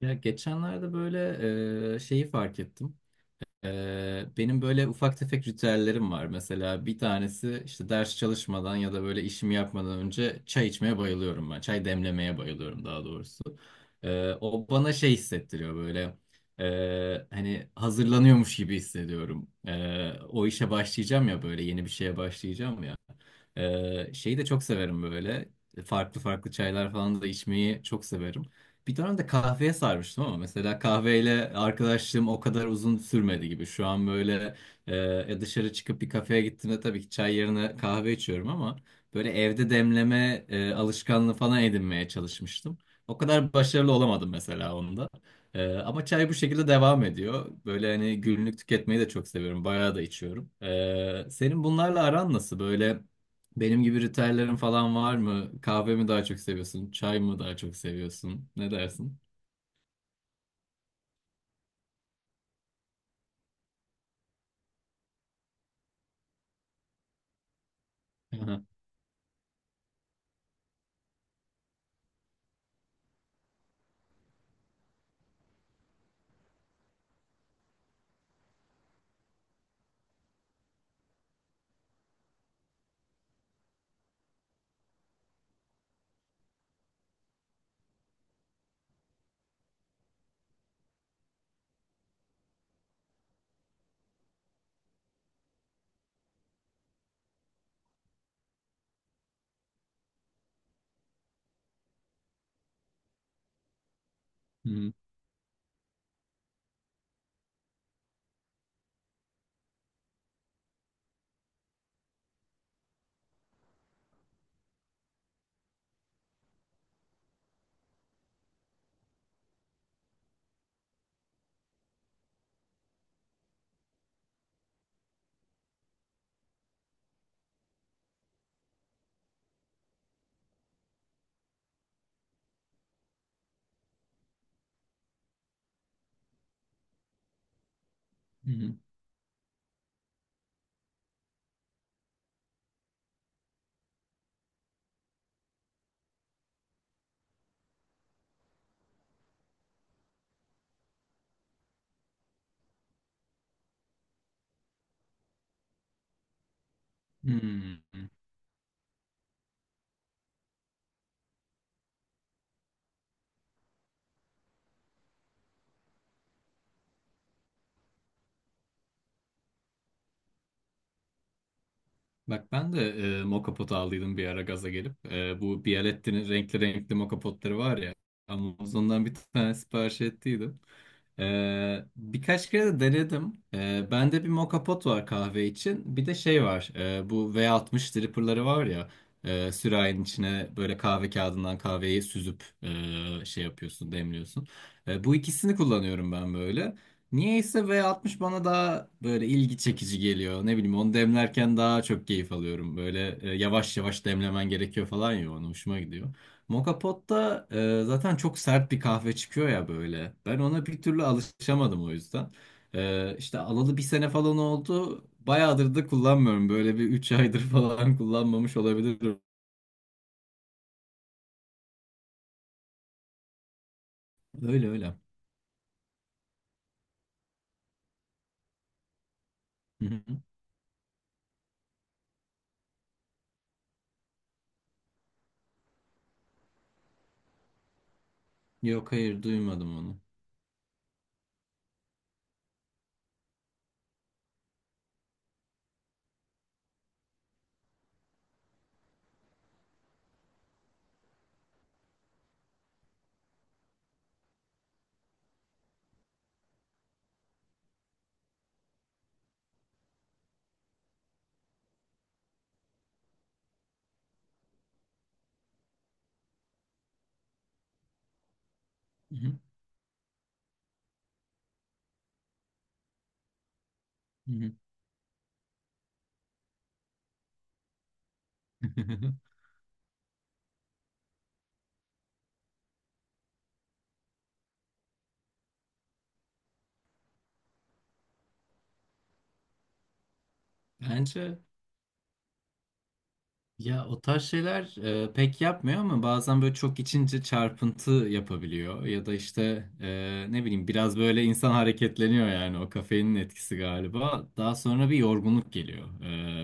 Ya geçenlerde böyle şeyi fark ettim. Benim böyle ufak tefek ritüellerim var. Mesela bir tanesi işte ders çalışmadan ya da böyle işimi yapmadan önce çay içmeye bayılıyorum ben. Çay demlemeye bayılıyorum daha doğrusu. O bana şey hissettiriyor böyle. Hani hazırlanıyormuş gibi hissediyorum. O işe başlayacağım ya, böyle yeni bir şeye başlayacağım ya. Şeyi de çok severim böyle. Farklı farklı çaylar falan da içmeyi çok severim. Bir dönem de kahveye sarmıştım ama mesela kahveyle arkadaşlığım o kadar uzun sürmedi gibi. Şu an böyle e, e, dışarı çıkıp bir kafeye gittiğimde tabii ki çay yerine kahve içiyorum ama böyle evde demleme alışkanlığı falan edinmeye çalışmıştım. O kadar başarılı olamadım mesela onda. Ama çay bu şekilde devam ediyor. Böyle hani günlük tüketmeyi de çok seviyorum. Bayağı da içiyorum. Senin bunlarla aran nasıl? Böyle benim gibi ritüellerin falan var mı? Kahve mi daha çok seviyorsun? Çay mı daha çok seviyorsun? Ne dersin? Aha. Hı hı. Hı hı. Bak ben de mokapot aldıydım bir ara gaza gelip. Bu Bialetti'nin renkli renkli mokapotları var ya. Amazon'dan bir tane sipariş ettiydim. Birkaç kere de denedim. Bende bir mokapot var kahve için. Bir de şey var. Bu V60 dripper'ları var ya. Sürahinin içine böyle kahve kağıdından kahveyi süzüp şey yapıyorsun, demliyorsun. Bu ikisini kullanıyorum ben böyle. Niyeyse V60 bana daha böyle ilgi çekici geliyor. Ne bileyim onu demlerken daha çok keyif alıyorum. Böyle yavaş yavaş demlemen gerekiyor falan ya, ona hoşuma gidiyor. Moka Pot'ta zaten çok sert bir kahve çıkıyor ya böyle. Ben ona bir türlü alışamadım o yüzden. İşte alalı bir sene falan oldu. Bayağıdır da kullanmıyorum. Böyle bir 3 aydır falan kullanmamış olabilirim. Öyle öyle. Hı hı. Yok, hayır, duymadım onu. Hı hı. Hı hı. Bence ya, o tarz şeyler pek yapmıyor ama bazen böyle çok içince çarpıntı yapabiliyor. Ya da işte ne bileyim biraz böyle insan hareketleniyor, yani o kafeinin etkisi galiba. Daha sonra bir yorgunluk geliyor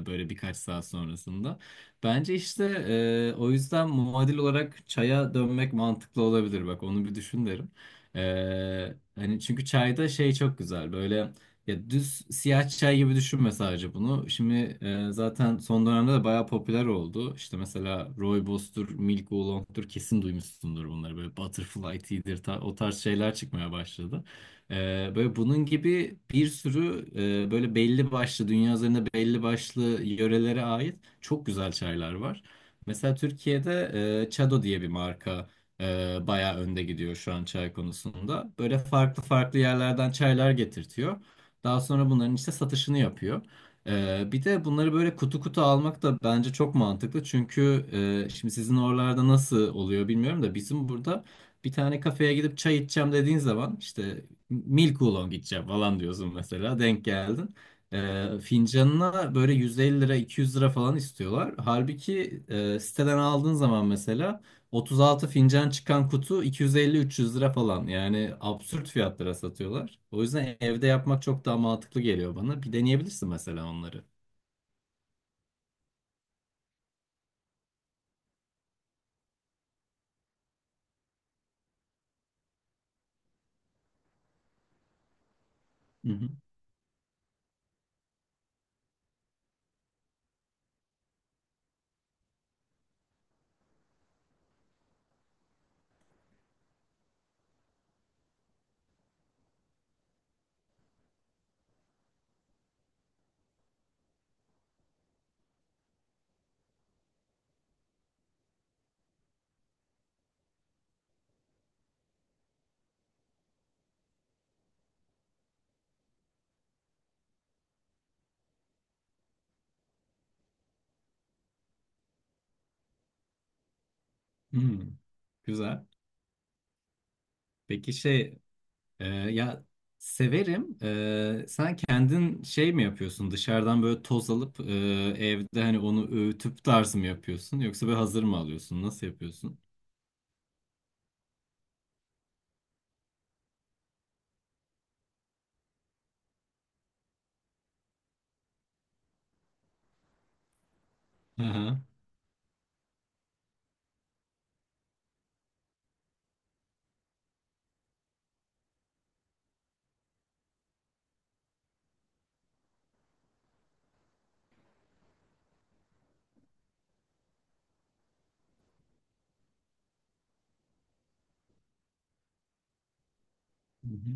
böyle birkaç saat sonrasında. Bence işte o yüzden muadil olarak çaya dönmek mantıklı olabilir. Bak onu bir düşün derim. E, Hani çünkü çayda şey çok güzel böyle. Ya düz siyah çay gibi düşünme sadece bunu. Şimdi zaten son dönemde de bayağı popüler oldu. İşte mesela rooibos'tur, milk oolong'tur, kesin duymuşsundur bunları. Böyle butterfly tea'dir, o tarz şeyler çıkmaya başladı. E, Böyle bunun gibi bir sürü böyle belli başlı, dünya üzerinde belli başlı yörelere ait çok güzel çaylar var. Mesela Türkiye'de Çado diye bir marka bayağı önde gidiyor şu an çay konusunda. Böyle farklı farklı yerlerden çaylar getirtiyor. Daha sonra bunların işte satışını yapıyor. Bir de bunları böyle kutu kutu almak da bence çok mantıklı. Çünkü şimdi sizin oralarda nasıl oluyor bilmiyorum da bizim burada bir tane kafeye gidip çay içeceğim dediğin zaman işte milk oolong içeceğim falan diyorsun mesela, denk geldin. Fincanına böyle 150 lira 200 lira falan istiyorlar. Halbuki siteden aldığın zaman mesela 36 fincan çıkan kutu 250-300 lira falan. Yani absürt fiyatlara satıyorlar. O yüzden evde yapmak çok daha mantıklı geliyor bana. Bir deneyebilirsin mesela onları. Hı hı. Hmm, güzel. Peki şey ya, severim. Sen kendin şey mi yapıyorsun? Dışarıdan böyle toz alıp evde hani onu öğütüp tarz mı yapıyorsun? Yoksa böyle hazır mı alıyorsun? Nasıl yapıyorsun? Hı. Hı hı.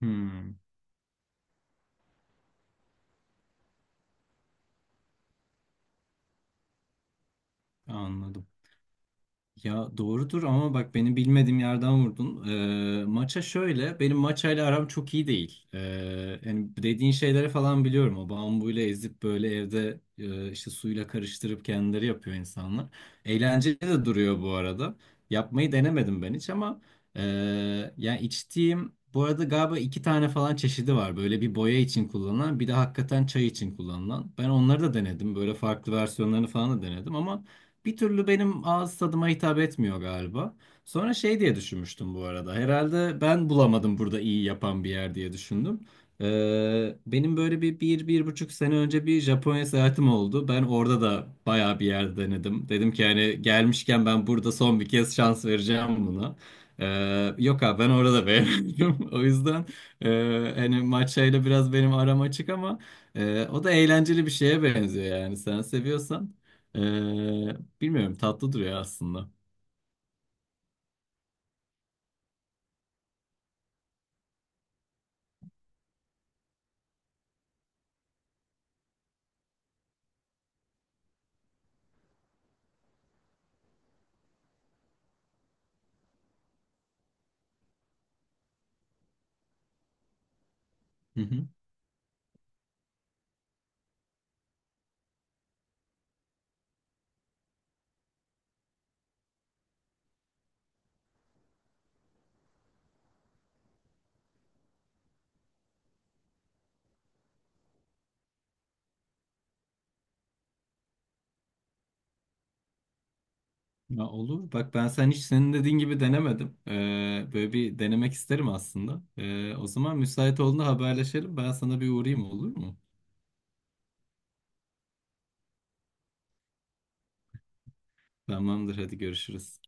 Hmm, anladım. Ya doğrudur ama bak beni bilmediğim yerden vurdun. Maça şöyle, benim maçayla aram çok iyi değil. Yani dediğin şeyleri falan biliyorum. O bambuyla ezip böyle evde işte suyla karıştırıp kendileri yapıyor insanlar. Eğlenceli de duruyor bu arada. Yapmayı denemedim ben hiç ama e, yani içtiğim bu arada galiba iki tane falan çeşidi var. Böyle bir boya için kullanılan, bir de hakikaten çay için kullanılan. Ben onları da denedim. Böyle farklı versiyonlarını falan da denedim ama bir türlü benim ağız tadıma hitap etmiyor galiba. Sonra şey diye düşünmüştüm bu arada. Herhalde ben bulamadım burada iyi yapan bir yer diye düşündüm. Benim böyle bir buçuk sene önce bir Japonya seyahatim oldu. Ben orada da bayağı bir yer denedim. Dedim ki hani gelmişken ben burada son bir kez şans vereceğim buna. Yok abi, ben orada beğenmedim. O yüzden hani matchayla biraz benim aram açık ama o da eğlenceli bir şeye benziyor yani, sen seviyorsan. E, Bilmiyorum, tatlı duruyor aslında. Hı hı. Ya olur. Bak ben sen hiç senin dediğin gibi denemedim. Böyle bir denemek isterim aslında. O zaman müsait olduğunda haberleşelim. Ben sana bir uğrayayım, olur mu? Tamamdır, hadi görüşürüz.